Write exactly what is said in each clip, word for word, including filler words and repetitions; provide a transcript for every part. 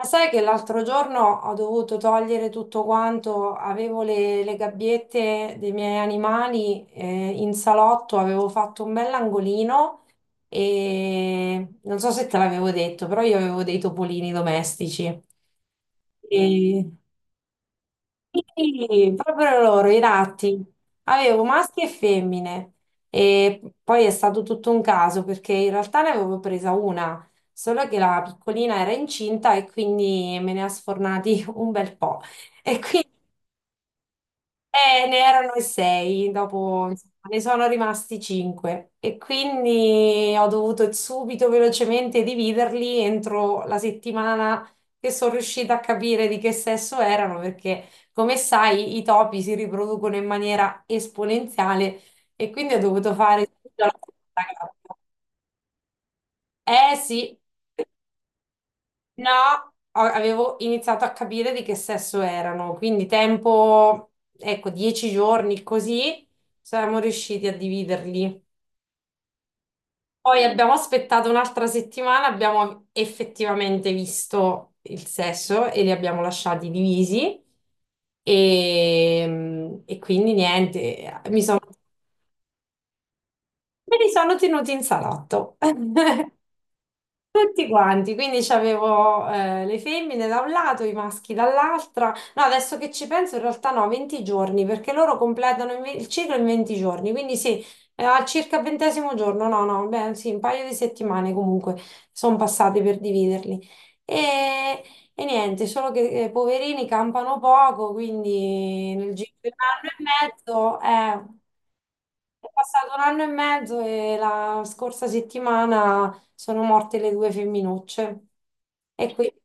Ma sai che l'altro giorno ho dovuto togliere tutto quanto. Avevo le, le gabbiette dei miei animali, eh, in salotto. Avevo fatto un bell'angolino, e non so se te l'avevo detto, però io avevo dei topolini domestici. E. Mm. Sì, proprio loro, i ratti. Avevo maschi e femmine, e poi è stato tutto un caso perché in realtà ne avevo presa una, solo che la piccolina era incinta e quindi me ne ha sfornati un bel po'. E quindi eh, ne erano in sei. Dopo insomma, ne sono rimasti cinque, e quindi ho dovuto subito velocemente dividerli entro la settimana che sono riuscita a capire di che sesso erano, perché come sai i topi si riproducono in maniera esponenziale, e quindi ho dovuto fare subito la seconda gabbia. Eh sì. No, a- avevo iniziato a capire di che sesso erano. Quindi tempo, ecco, dieci giorni così, siamo riusciti a dividerli. Poi abbiamo aspettato un'altra settimana, abbiamo effettivamente visto il sesso e li abbiamo lasciati divisi, e, e quindi niente, mi sono, me li sono tenuti in salotto. Tutti quanti. Quindi c'avevo eh, le femmine da un lato, i maschi dall'altra. No, adesso che ci penso, in realtà no, venti giorni, perché loro completano il, ve- il ciclo in venti giorni. Quindi sì, eh, al circa il ventesimo giorno, no, no, beh, sì, un paio di settimane comunque sono passate per dividerli. E, e niente, solo che eh, poverini campano poco, quindi nel giro di un anno e mezzo, eh. È passato un anno e mezzo e la scorsa settimana sono morte le due femminucce. E quindi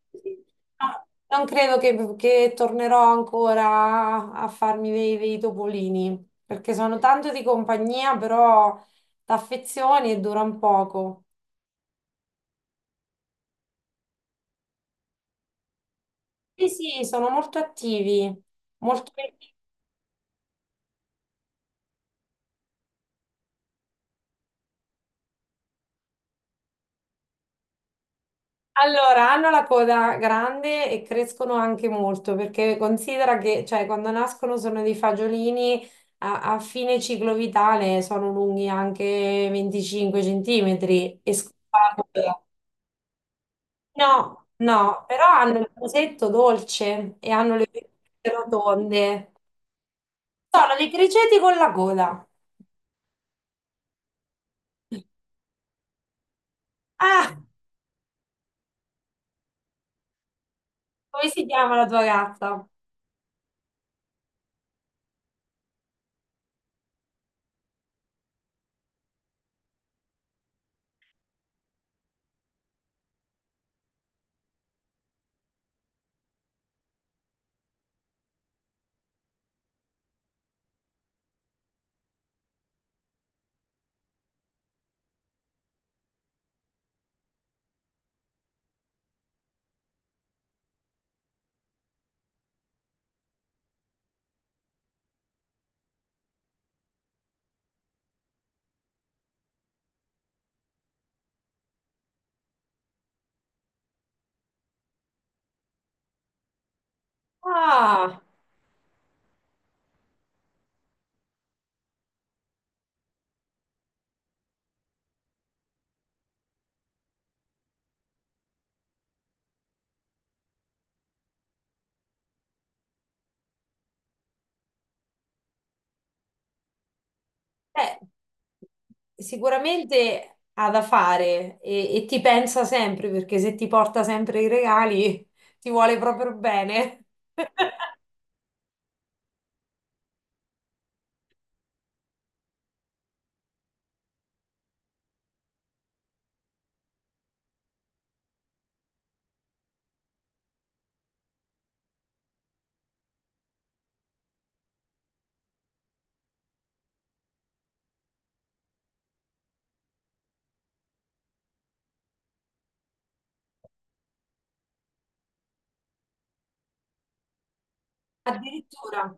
no, non credo che, che tornerò ancora a farmi dei, dei topolini, perché sono tanto di compagnia, però d'affezioni, e durano poco. Sì, sì, sono molto attivi, molto allora, hanno la coda grande e crescono anche molto, perché considera che, cioè, quando nascono sono dei fagiolini, a, a fine ciclo vitale sono lunghi anche venticinque centimetri e scompaiono. No, no, però hanno il musetto dolce e hanno le orecchie rotonde. Sono dei criceti con la coda. Ah, come si chiama la tua gatta? Ah. Beh, sicuramente ha da fare, e, e ti pensa sempre, perché se ti porta sempre i regali ti vuole proprio bene. Addirittura.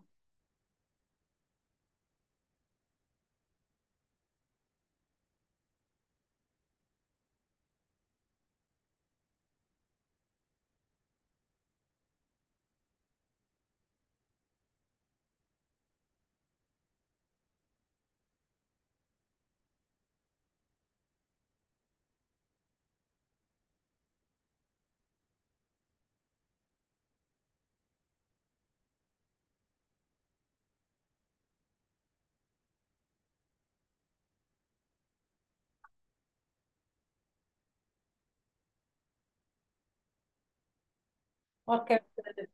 Porca miseria.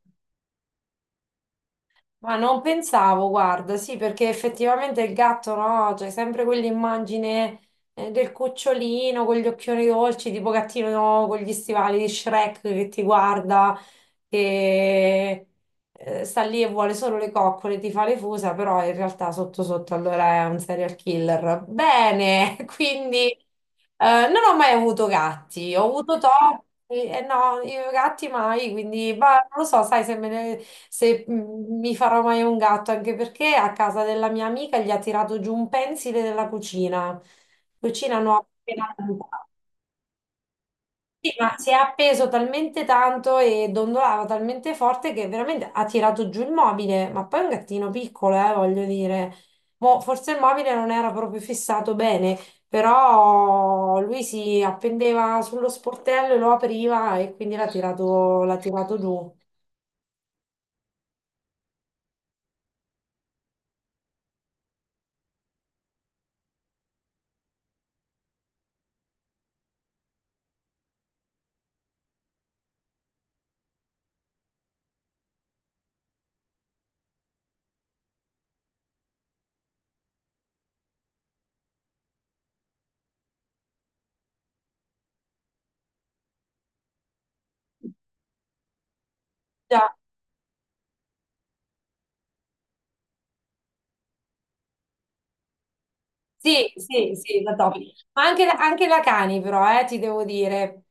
Ma non pensavo, guarda, sì, perché effettivamente il gatto, no? C'è sempre quell'immagine, eh, del cucciolino con gli occhioni dolci, tipo gattino con gli stivali di Shrek che ti guarda, che eh, sta lì e vuole solo le coccole, ti fa le fusa, però in realtà sotto sotto allora è un serial killer. Bene. Quindi eh, non ho mai avuto gatti, ho avuto topi, e no, io gatti mai. Quindi ma non lo so, sai se me ne- se mm, mi farò mai un gatto, anche perché a casa della mia amica gli ha tirato giù un pensile della cucina, cucina nuova appena comprata. Sì, ma si è appeso talmente tanto e dondolava talmente forte che veramente ha tirato giù il mobile, ma poi è un gattino piccolo, eh, voglio dire. Mo, forse il mobile non era proprio fissato bene, però lui si appendeva sullo sportello e lo apriva, e quindi l'ha tirato, l'ha tirato giù. Già. Sì, sì, sì, da topi. Ma anche, anche da cani però, eh, ti devo dire.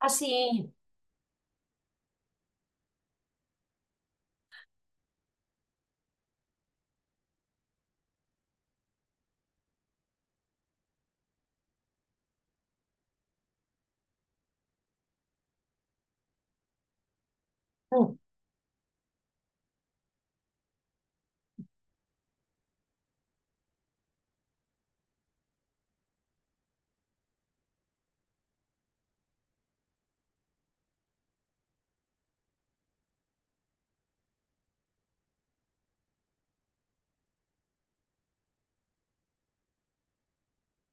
Ah sì. Mm.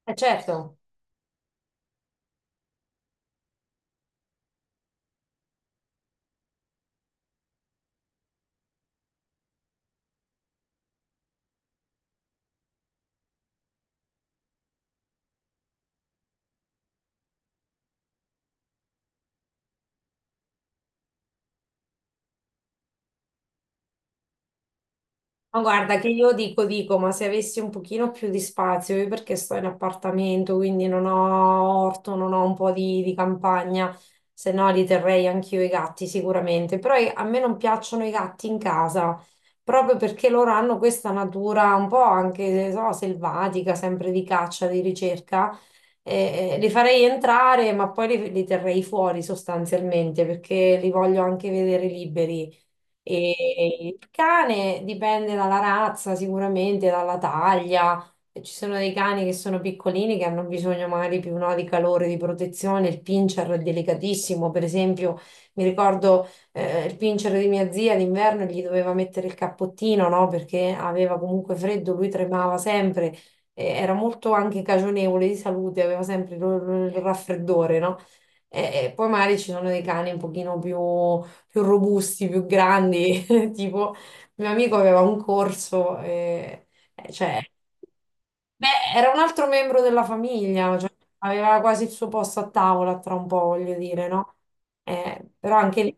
Eh, certo. Ma guarda che io dico, dico, ma se avessi un pochino più di spazio, io perché sto in appartamento, quindi non ho orto, non ho un po' di, di campagna, se no li terrei anch'io i gatti sicuramente, però i- a me non piacciono i gatti in casa, proprio perché loro hanno questa natura un po' anche, so, selvatica, sempre di caccia, di ricerca. Eh, eh, li farei entrare, ma poi li li terrei fuori sostanzialmente, perché li voglio anche vedere liberi. E il cane dipende dalla razza, sicuramente, dalla taglia. Ci sono dei cani che sono piccolini, che hanno bisogno magari più no, di calore, di protezione. Il pincher è delicatissimo, per esempio. Mi ricordo eh, il pincher di mia zia d'inverno gli doveva mettere il cappottino, no? Perché aveva comunque freddo, lui tremava sempre, eh, era molto anche cagionevole di salute, aveva sempre il il- il raffreddore, no? E, e poi magari ci sono dei cani un pochino più più robusti, più grandi. Tipo, mio amico aveva un corso, e, eh, cioè, beh, era un altro membro della famiglia, cioè, aveva quasi il suo posto a tavola tra un po', voglio dire, no? Eh, però anche lì,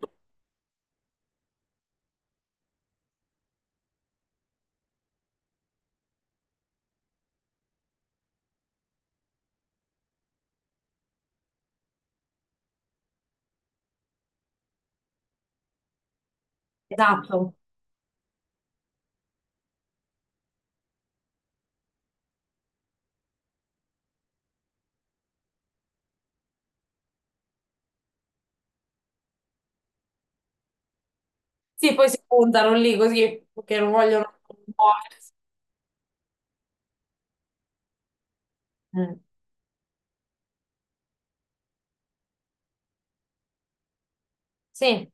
esatto. Sì, poi si puntano lì così perché non vogliono muoversi. Mm. Sì,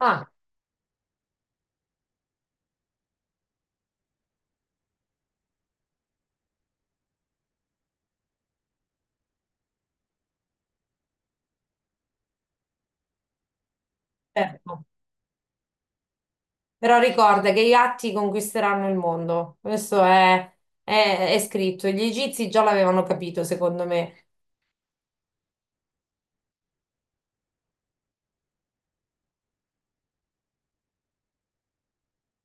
ah, certo. Però ricorda che i gatti conquisteranno il mondo. Questo è, è- è scritto. Gli egizi già l'avevano capito, secondo me.